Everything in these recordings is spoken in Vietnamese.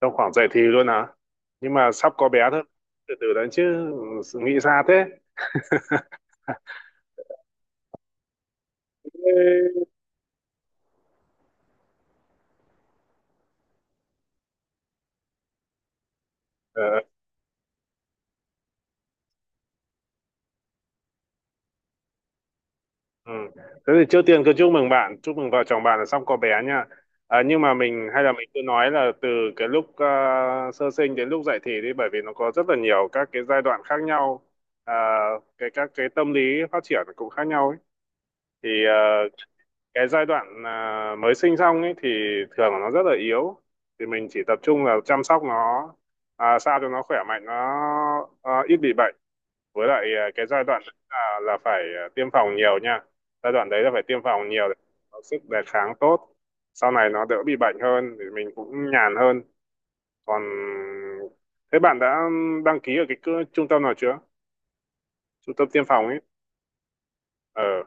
Trong khoảng dậy thì luôn hả? Nhưng mà sắp có bé thôi, từ từ đấy chứ. Nghĩ xa thế. Ê, ờ, ừ. Thế thì trước tiên cứ chúc mừng bạn, chúc mừng vợ chồng bạn là sắp có bé nha. Nhưng mà mình hay là mình cứ nói là từ cái lúc sơ sinh đến lúc dậy thì đi, bởi vì nó có rất là nhiều các cái giai đoạn khác nhau. à, cái các cái tâm lý phát triển cũng khác nhau ấy. Thì cái giai đoạn mới sinh xong ấy thì thường là nó rất là yếu, thì mình chỉ tập trung là chăm sóc nó, sao cho nó khỏe mạnh, nó ít bị bệnh. Với lại cái giai đoạn đấy là phải tiêm phòng nhiều nha. Giai đoạn đấy là phải tiêm phòng nhiều để có sức đề kháng tốt, sau này nó đỡ bị bệnh hơn thì mình cũng nhàn hơn. Còn thế bạn đã đăng ký ở cái trung tâm nào chưa, trung tâm tiêm phòng ấy? ờ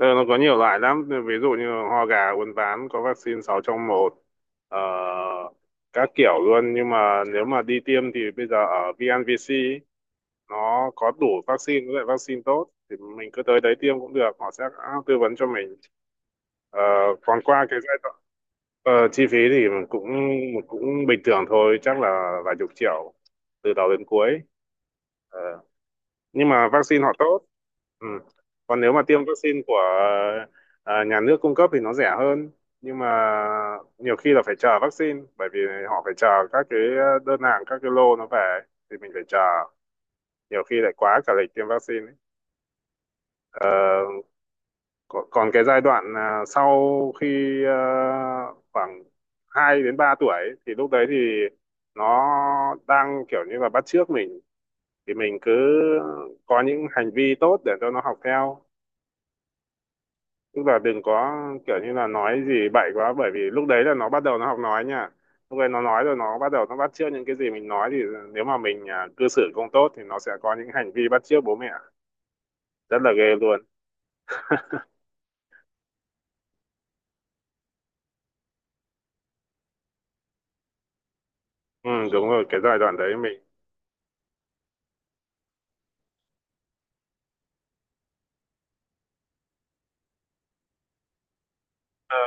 Ờ, nó có nhiều loại lắm, ví dụ như ho gà, uốn ván, có vaccine 6 trong một, ờ, các kiểu luôn. Nhưng mà nếu mà đi tiêm thì bây giờ ở VNVC ấy, nó có đủ vaccine với lại vaccine tốt, thì mình cứ tới đấy tiêm cũng được, họ sẽ tư vấn cho mình. Ờ, còn qua cái giai đoạn chi phí thì mình cũng cũng bình thường thôi, chắc là vài chục triệu từ đầu đến cuối. Ờ, nhưng mà vaccine họ tốt. Ừ. Còn nếu mà tiêm vaccine của nhà nước cung cấp thì nó rẻ hơn, nhưng mà nhiều khi là phải chờ vaccine, bởi vì họ phải chờ các cái đơn hàng, các cái lô nó về, thì mình phải chờ, nhiều khi lại quá cả lịch tiêm vaccine ấy. Ờ, còn cái giai đoạn sau khi khoảng 2 đến 3 tuổi ấy, thì lúc đấy thì nó đang kiểu như là bắt chước mình, thì mình cứ có những hành vi tốt để cho nó học theo. Tức là đừng có kiểu như là nói gì bậy quá, bởi vì lúc đấy là nó bắt đầu nó học nói nha. Lúc đấy nó nói rồi nó bắt đầu nó bắt chước những cái gì mình nói, thì nếu mà mình cư xử không tốt thì nó sẽ có những hành vi bắt chước bố mẹ rất là ghê luôn. Ừ đúng rồi, cái giai đoạn đấy mình. Ờ,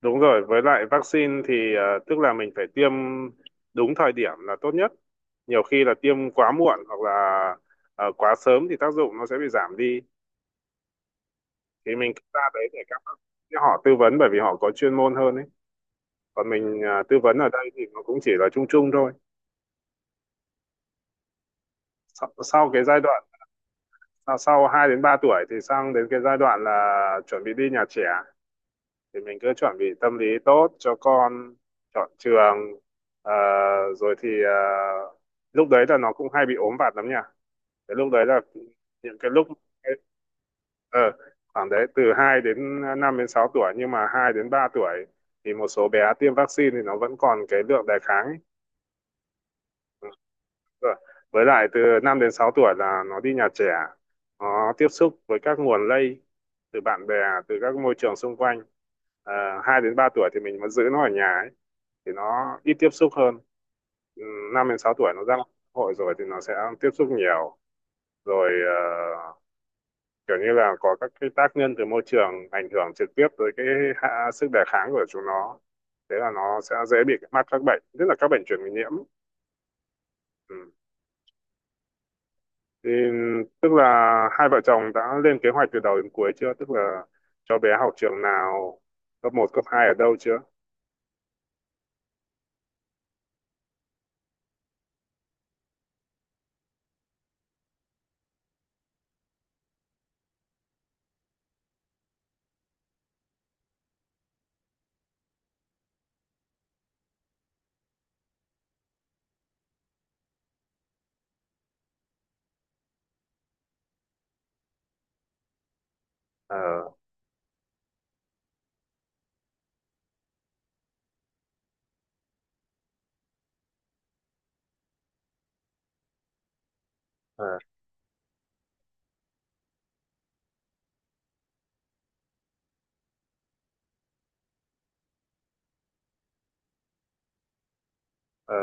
đúng rồi, với lại vaccine thì tức là mình phải tiêm đúng thời điểm là tốt nhất. Nhiều khi là tiêm quá muộn hoặc là quá sớm thì còn mình tư vấn ở đây thì nó cũng chỉ là chung chung thôi. Sau cái giai đoạn sau 2 đến 3 tuổi thì sang đến cái giai đoạn là chuẩn bị đi nhà trẻ, thì mình cứ chuẩn bị tâm lý tốt cho con, chọn trường. Ờ, rồi thì lúc đấy là nó cũng hay bị ốm vặt lắm nha. Cái lúc đấy là những cái lúc ờ, khoảng đấy từ 2 đến 5 đến 6 tuổi, nhưng mà 2 đến 3 tuổi thì một số bé tiêm vaccine thì nó vẫn còn cái lượng đề kháng ấy. Rồi. Với lại từ 5 đến 6 tuổi là nó đi nhà trẻ, nó tiếp xúc với các nguồn lây từ bạn bè, từ các môi trường xung quanh. À, 2 đến 3 tuổi thì mình vẫn giữ nó ở nhà ấy, thì nó ít tiếp xúc hơn. Ừ, 5 đến 6 tuổi nó ra xã hội rồi thì nó sẽ tiếp xúc nhiều. Rồi kiểu như là có các cái tác nhân từ môi trường ảnh hưởng trực tiếp tới cái sức đề kháng của chúng nó. Thế là nó sẽ dễ bị mắc các bệnh, nhất là các bệnh truyền nhiễm. Ừ. Thì tức là hai vợ chồng đã lên kế hoạch từ đầu đến cuối chưa? Tức là cho bé học trường nào, cấp một cấp 2 ở đâu chưa? Ờ, ờ, ờ,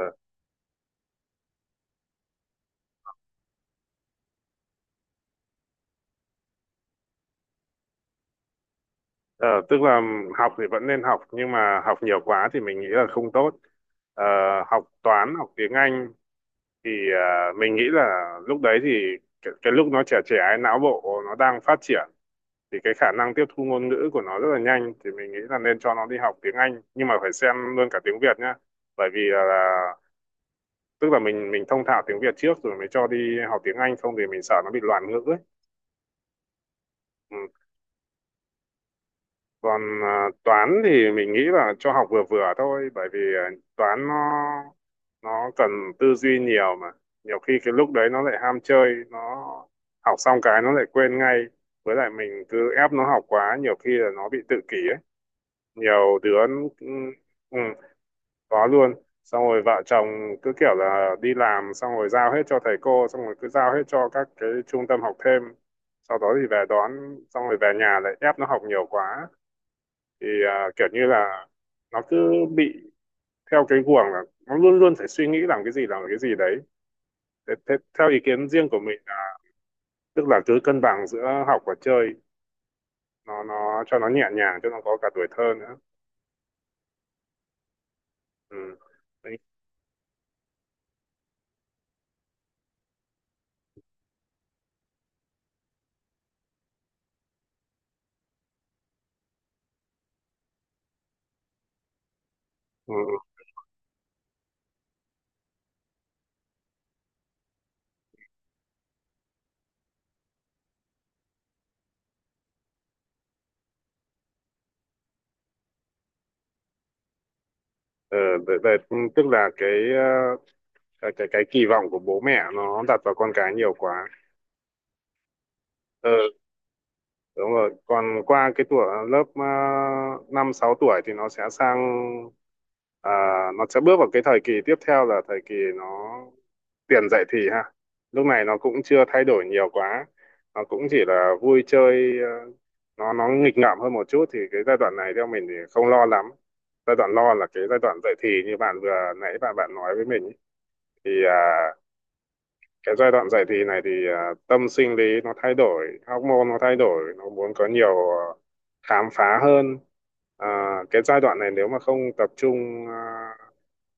ờ, tức là học thì vẫn nên học, nhưng mà học nhiều quá thì mình nghĩ là không tốt. Ờ, học toán, học tiếng Anh thì mình nghĩ là lúc đấy thì cái lúc nó trẻ trẻ ấy, não bộ nó đang phát triển, thì cái khả năng tiếp thu ngôn ngữ của nó rất là nhanh, thì mình nghĩ là nên cho nó đi học tiếng Anh, nhưng mà phải xem luôn cả tiếng Việt nhá. Bởi vì là tức là mình thông thạo tiếng Việt trước rồi mới cho đi học tiếng Anh, không thì mình sợ nó bị loạn ngữ ấy. Ừ. Còn toán thì mình nghĩ là cho học vừa vừa thôi, bởi vì toán nó cần tư duy nhiều mà. Nhiều khi cái lúc đấy nó lại ham chơi, nó học xong cái nó lại quên ngay. Với lại mình cứ ép nó học quá, nhiều khi là nó bị tự kỷ ấy, nhiều đứa. ừ, ừ, có luôn. Xong rồi vợ chồng cứ kiểu là đi làm, xong rồi giao hết cho thầy cô, xong rồi cứ giao hết cho các cái trung tâm học thêm, sau đó thì về đón, xong rồi về nhà lại ép nó học nhiều quá, thì kiểu như là nó cứ bị theo cái guồng là nó luôn luôn phải suy nghĩ làm cái gì, làm cái gì đấy. Thế, thế, Theo ý kiến riêng của mình là, tức là cứ cân bằng giữa học và chơi, nó cho nó nhẹ nhàng, cho nó có cả tuổi thơ nữa. Ừ. Đấy. Ừ. Ừ. Ờ, vậy- vậy, tức là cái ờ, cái kỳ vọng của bố mẹ nó đặt vào con cái nhiều quá. Ừ đúng rồi, còn qua cái tuổi lớp năm sáu tuổi thì nó sẽ sang à, nó sẽ bước vào cái thời kỳ tiếp theo, là thời kỳ nó tiền dậy thì ha. Lúc này nó cũng chưa thay đổi nhiều quá, nó cũng chỉ là vui chơi, nó nghịch ngợm hơn một chút, thì cái giai đoạn này theo mình thì không lo lắm. Giai đoạn lo là cái giai đoạn dậy thì như bạn vừa nãy bạn bạn nói với mình ý. Thì cái giai đoạn dậy thì này thì tâm sinh lý nó thay đổi, hormone nó thay đổi, nó muốn có nhiều khám phá hơn. à, cái giai đoạn này nếu mà không tập trung à,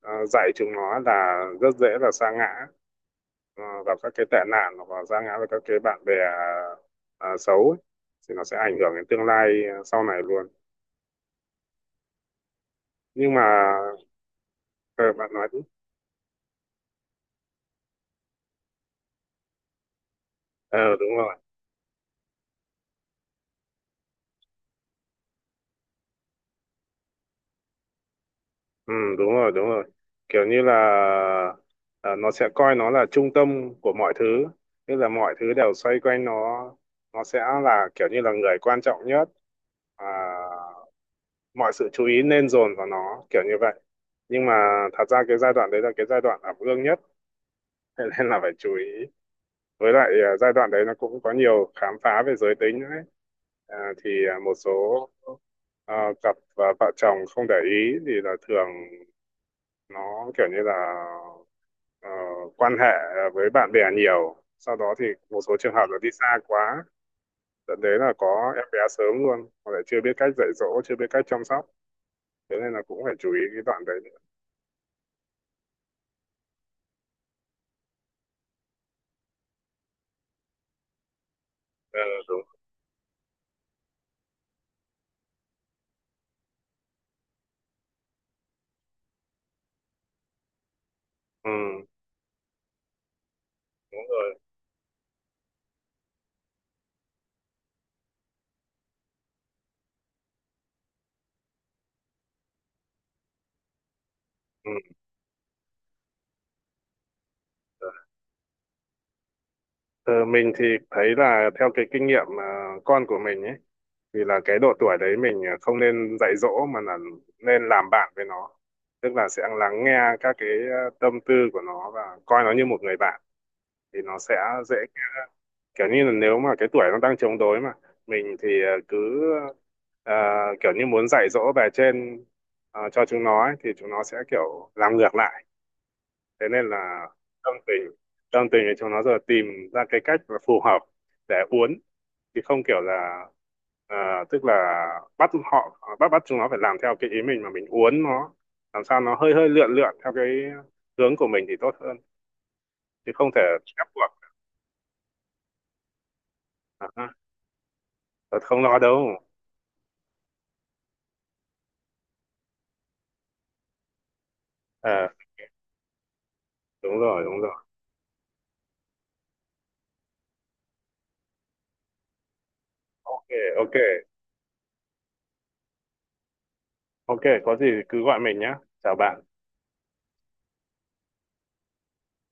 à, dạy chúng nó là rất dễ là sa ngã vào các cái tệ nạn, hoặc là sa ngã vào các cái bạn bè xấu ấy. Thì nó sẽ ảnh hưởng đến tương lai sau này luôn. Nhưng mà ờ, bạn nói đúng. Ờ đúng rồi. Ừ, đúng rồi, đúng rồi. Kiểu như là nó sẽ coi nó là trung tâm của mọi thứ, tức là mọi thứ đều xoay quanh nó sẽ là kiểu như là người quan trọng nhất, à, mọi sự chú ý nên dồn vào nó, kiểu như vậy. Nhưng mà thật ra cái giai đoạn đấy là cái giai đoạn ẩm ương nhất, thế nên là phải chú ý. Với lại giai đoạn đấy nó cũng có nhiều khám phá về giới tính nữa ấy. À, thì một số cặp vợ chồng không để ý thì là thường nó kiểu như là ờ, quan hệ với bạn bè nhiều, sau đó thì một số trường hợp là đi xa quá, dẫn đến là có em bé sớm luôn, hoặc là chưa biết cách dạy dỗ, chưa biết cách chăm sóc. Thế nên là cũng phải chú ý cái đoạn đấy nữa. Ờ, đúng. Ừ, đúng rồi. Ừ. Ờ, mình thì thấy là theo cái kinh nghiệm con của mình ấy, thì là cái độ tuổi đấy mình không nên dạy dỗ mà là nên làm bạn với nó. Tức là sẽ lắng nghe các cái tâm tư của nó và coi nó như một người bạn, thì nó sẽ dễ. Kiểu như là nếu mà cái tuổi nó đang chống đối mà mình thì cứ ờ, kiểu như muốn dạy dỗ về trên cho chúng nó ấy, thì chúng nó sẽ kiểu làm ngược lại. Thế nên là tâm tình tâm tình thì chúng nó giờ tìm ra cái cách là phù hợp để uốn. Thì không kiểu là ờ, tức là bắt họ bắt bắt chúng nó phải làm theo cái ý mình, mà mình uốn nó làm sao nó hơi hơi lượn lượn theo cái hướng của mình thì tốt hơn, chứ không thể ép buộc. Ờ, tôi không lo đâu. Ờ đúng rồi, đúng rồi. OK. OK. OK, có gì thì cứ gọi mình nhé. Chào bạn.